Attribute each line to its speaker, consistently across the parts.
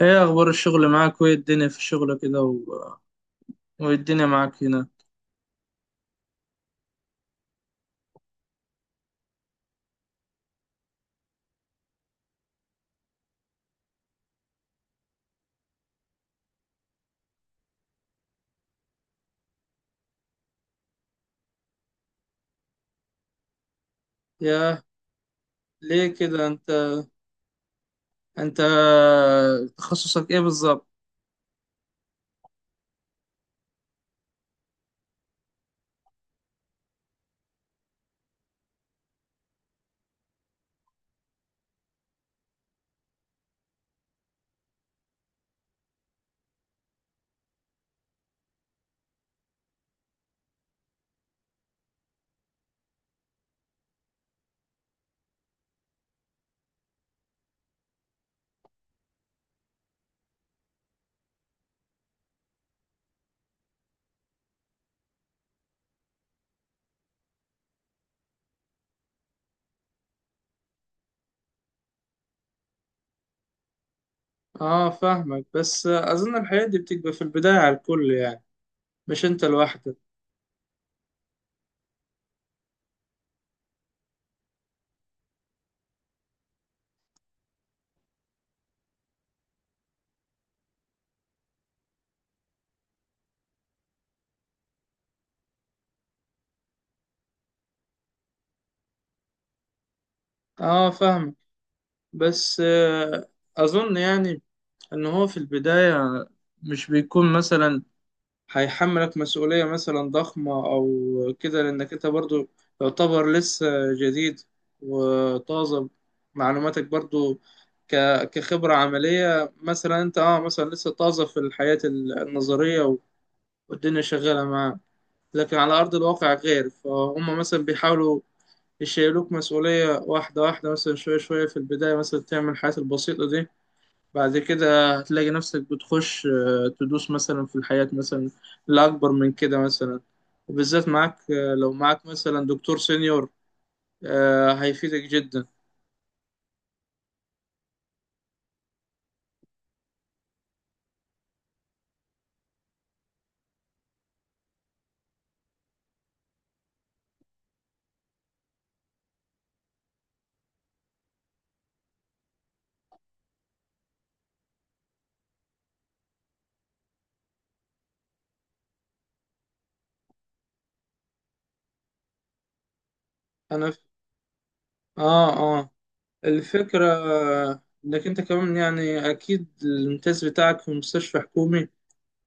Speaker 1: ايه اخبار الشغل معاك وايه الدنيا في الشغل كده وايه الدنيا معاك هنا. ياه. ليه كده انت تخصصك ايه بالظبط؟ اه فاهمك. بس اظن الحياة دي بتبقى في البداية على الكل، يعني مش انت لوحدك. اه فاهمك. بس اظن يعني ان هو في البداية مش بيكون مثلا هيحملك مسؤولية مثلا ضخمة أو كده، لأنك أنت برضو يعتبر لسه جديد وطازة. معلوماتك برضو كخبرة عملية مثلا، أنت مثلا لسه طازة في الحياة النظرية والدنيا شغالة معاك. لكن على أرض الواقع غير، فهم مثلا بيحاولوا يشيلوك مسؤولية واحدة واحدة، مثلا شوية شوية في البداية، مثلا تعمل الحاجات البسيطة دي. بعد كده هتلاقي نفسك بتخش، تدوس مثلا في الحياة مثلا لأكبر من كده مثلا. وبالذات معاك، لو معاك مثلا دكتور سenior، هيفيدك جدا. أنا ف... آه آه الفكرة، إنك أنت كمان، يعني أكيد الامتياز بتاعك في مستشفى حكومي.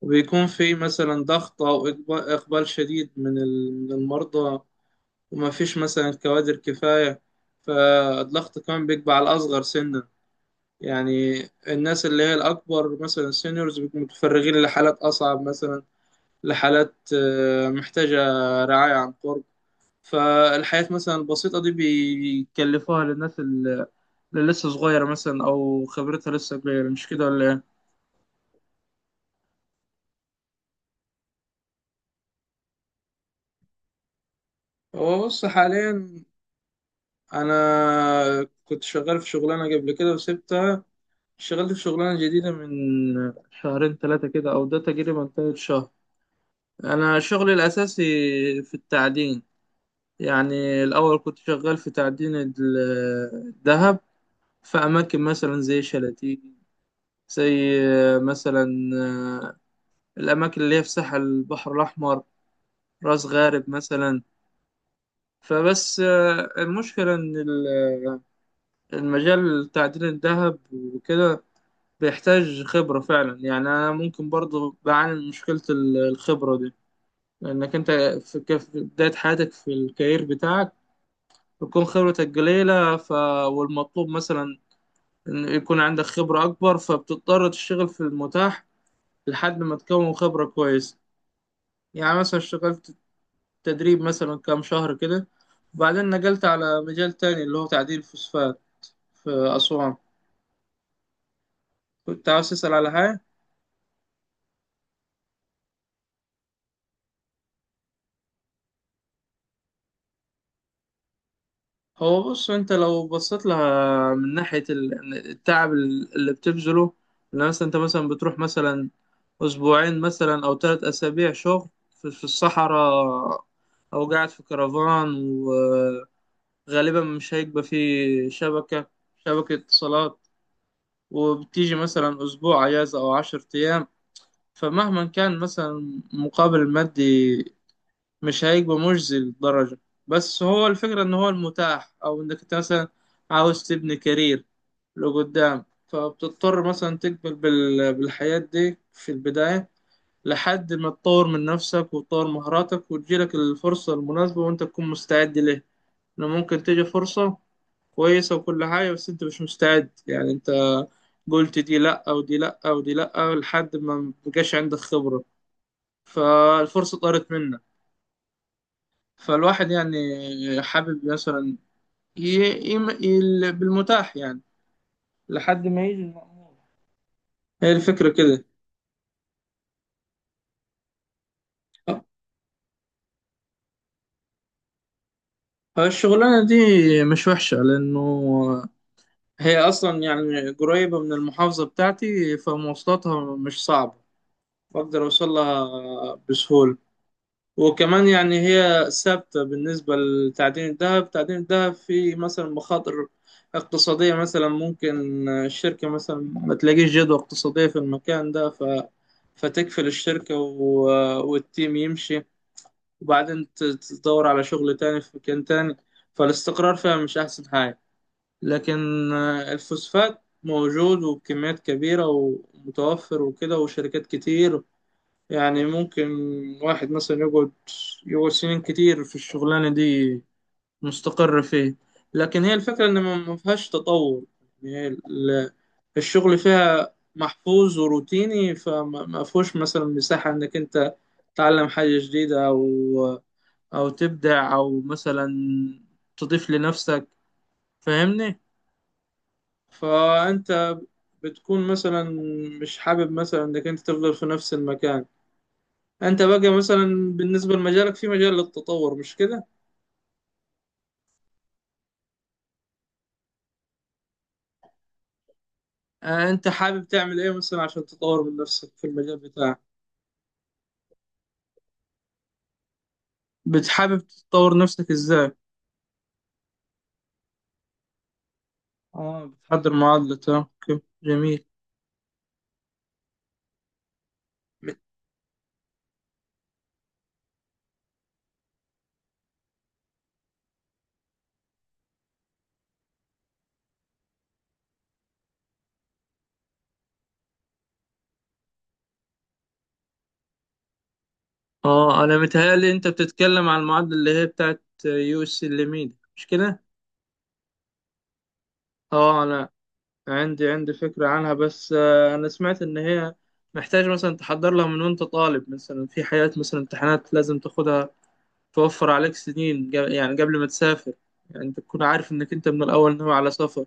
Speaker 1: وبيكون في مثلا ضغط أو إقبال شديد من من المرضى. ومفيش مثلا كوادر كفاية، فالضغط كمان بيبقى على الأصغر سنا. يعني الناس اللي هي الأكبر مثلا سينيورز بيكونوا متفرغين لحالات أصعب مثلا، لحالات محتاجة رعاية عن قرب. فالحياة مثلا البسيطة دي بيكلفوها للناس اللي لسه صغيرة مثلا، أو خبرتها لسه كبيرة، مش كده ولا إيه؟ هو بص حاليا، أنا كنت شغال في شغلانة قبل كده وسبتها. شغلت في شغلانة جديدة من شهرين ثلاثة كده، أو ده تقريبا تالت شهر. أنا شغلي الأساسي في التعدين. يعني الأول كنت شغال في تعدين الذهب في أماكن مثلا زي شلاتين، زي مثلا آه، الأماكن اللي هي في ساحل البحر الأحمر، راس غارب مثلا. فبس، المشكلة إن المجال تعدين الذهب وكده بيحتاج خبرة فعلا. يعني أنا ممكن برضه بعاني من مشكلة الخبرة دي. لأنك أنت في في بداية حياتك في الكارير بتاعك بتكون خبرتك قليلة. والمطلوب مثلا إن يكون عندك خبرة أكبر، فبتضطر تشتغل في المتاح لحد ما تكون خبرة كويسة. يعني مثلا اشتغلت تدريب مثلا كام شهر كده، وبعدين نقلت على مجال تاني اللي هو تعديل فوسفات في أسوان. كنت عاوز تسأل على حاجة؟ هو بص، أنت لو بصيت لها من ناحية التعب اللي بتبذله. إن مثلا أنت مثلا بتروح مثلا أسبوعين مثلا، أو 3 أسابيع شغل في الصحراء، أو قاعد في كرفان. غالبا مش هيبقى فيه شبكة اتصالات. وبتيجي مثلا أسبوع أجازة أو 10 أيام. فمهما كان مثلا مقابل مادي، مش هيبقى مجزي للدرجة. بس هو الفكرة إن هو المتاح، أو إنك أنت مثلا عاوز تبني كارير لقدام، فبتضطر مثلا تقبل بالحياة دي في البداية. لحد ما تطور من نفسك وتطور مهاراتك وتجيلك الفرصة المناسبة وأنت تكون مستعد ليه. إنه ممكن تيجي فرصة كويسة وكل حاجة، بس أنت مش مستعد، يعني أنت قلت دي لأ ودي لأ ودي لأ لحد ما مبقاش عندك خبرة، فالفرصة طارت منك. فالواحد يعني حابب مثلا ي... ي... بالمتاح، يعني لحد ما يجي المأمول. هي الفكرة كده. الشغلانة دي مش وحشة، لأنه هي أصلا يعني قريبة من المحافظة بتاعتي، فمواصلاتها مش صعبة، بقدر أوصلها بسهولة. وكمان يعني هي ثابتة. بالنسبة لتعدين الذهب، تعدين الذهب في مثلا مخاطر اقتصادية مثلا، ممكن الشركة مثلا ما تلاقيش جدوى اقتصادية في المكان ده، فتقفل الشركة، والتيم يمشي. وبعدين تدور على شغل تاني في مكان تاني. فالاستقرار فيها مش أحسن حاجة. لكن الفوسفات موجود وبكميات كبيرة ومتوفر وكده، وشركات كتير. يعني ممكن واحد مثلا يقعد، سنين كتير في الشغلانة دي، مستقر فيه. لكن هي الفكرة إن ما فيهاش تطور. يعني هي الشغل فيها محفوظ وروتيني، فما ما فيهوش مثلا مساحة إنك أنت تتعلم حاجة جديدة، أو تبدع، أو مثلا تضيف لنفسك. فاهمني؟ فأنت بتكون مثلا مش حابب مثلا إنك أنت تفضل في نفس المكان. انت بقى مثلا بالنسبة لمجالك في مجال للتطور، مش كده؟ انت حابب تعمل ايه مثلا عشان تطور من نفسك في المجال بتاعك؟ بتحابب تطور نفسك ازاي؟ اه بتحضر معادلة، اوكي جميل. اه انا متهيألي انت بتتكلم عن المعادلة اللي هي بتاعت يو اس الليميد، مش كده؟ اه انا عندي فكرة عنها، بس انا سمعت ان هي محتاج مثلا تحضر لها من وانت طالب، مثلا في حاجات مثلا امتحانات لازم تاخدها توفر عليك سنين يعني قبل ما تسافر. يعني انت تكون عارف انك انت من الاول ناوي على سفر.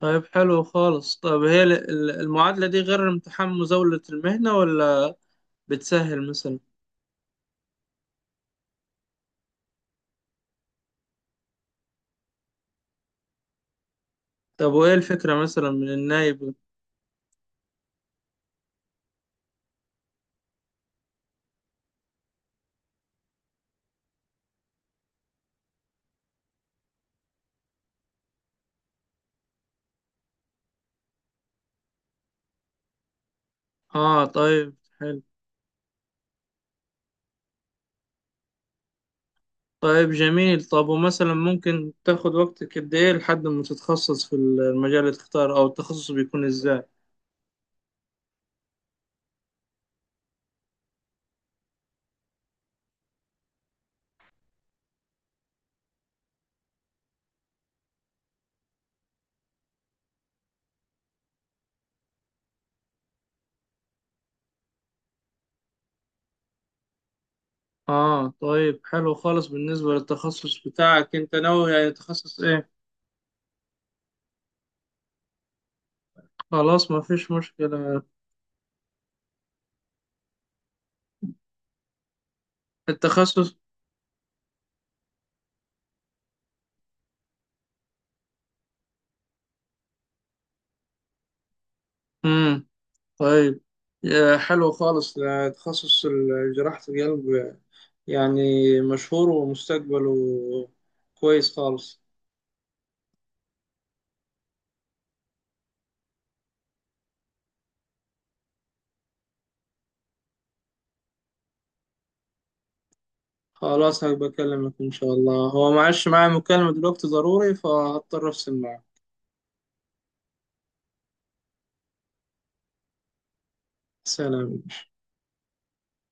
Speaker 1: طيب حلو خالص. طب هي المعادلة دي غير امتحان مزاولة المهنة، ولا بتسهل مثلا؟ طب وايه الفكرة مثلا من النايب؟ اه طيب حلو. طيب جميل. طب ومثلا ممكن تاخد وقتك قد ايه لحد ما تتخصص في المجال اللي تختاره، او التخصص بيكون ازاي؟ اه طيب حلو خالص. بالنسبة للتخصص بتاعك، انت ناوي يعني تخصص ايه؟ خلاص، ما فيش مشكلة. التخصص. امم طيب، حلو خالص. تخصص جراحة القلب، يعني مشهور ومستقبله كويس خالص. خلاص هبقى أكلمك إن شاء الله. هو معلش معايا مكالمة دلوقتي ضروري فهضطر أفصل معاك. سلام.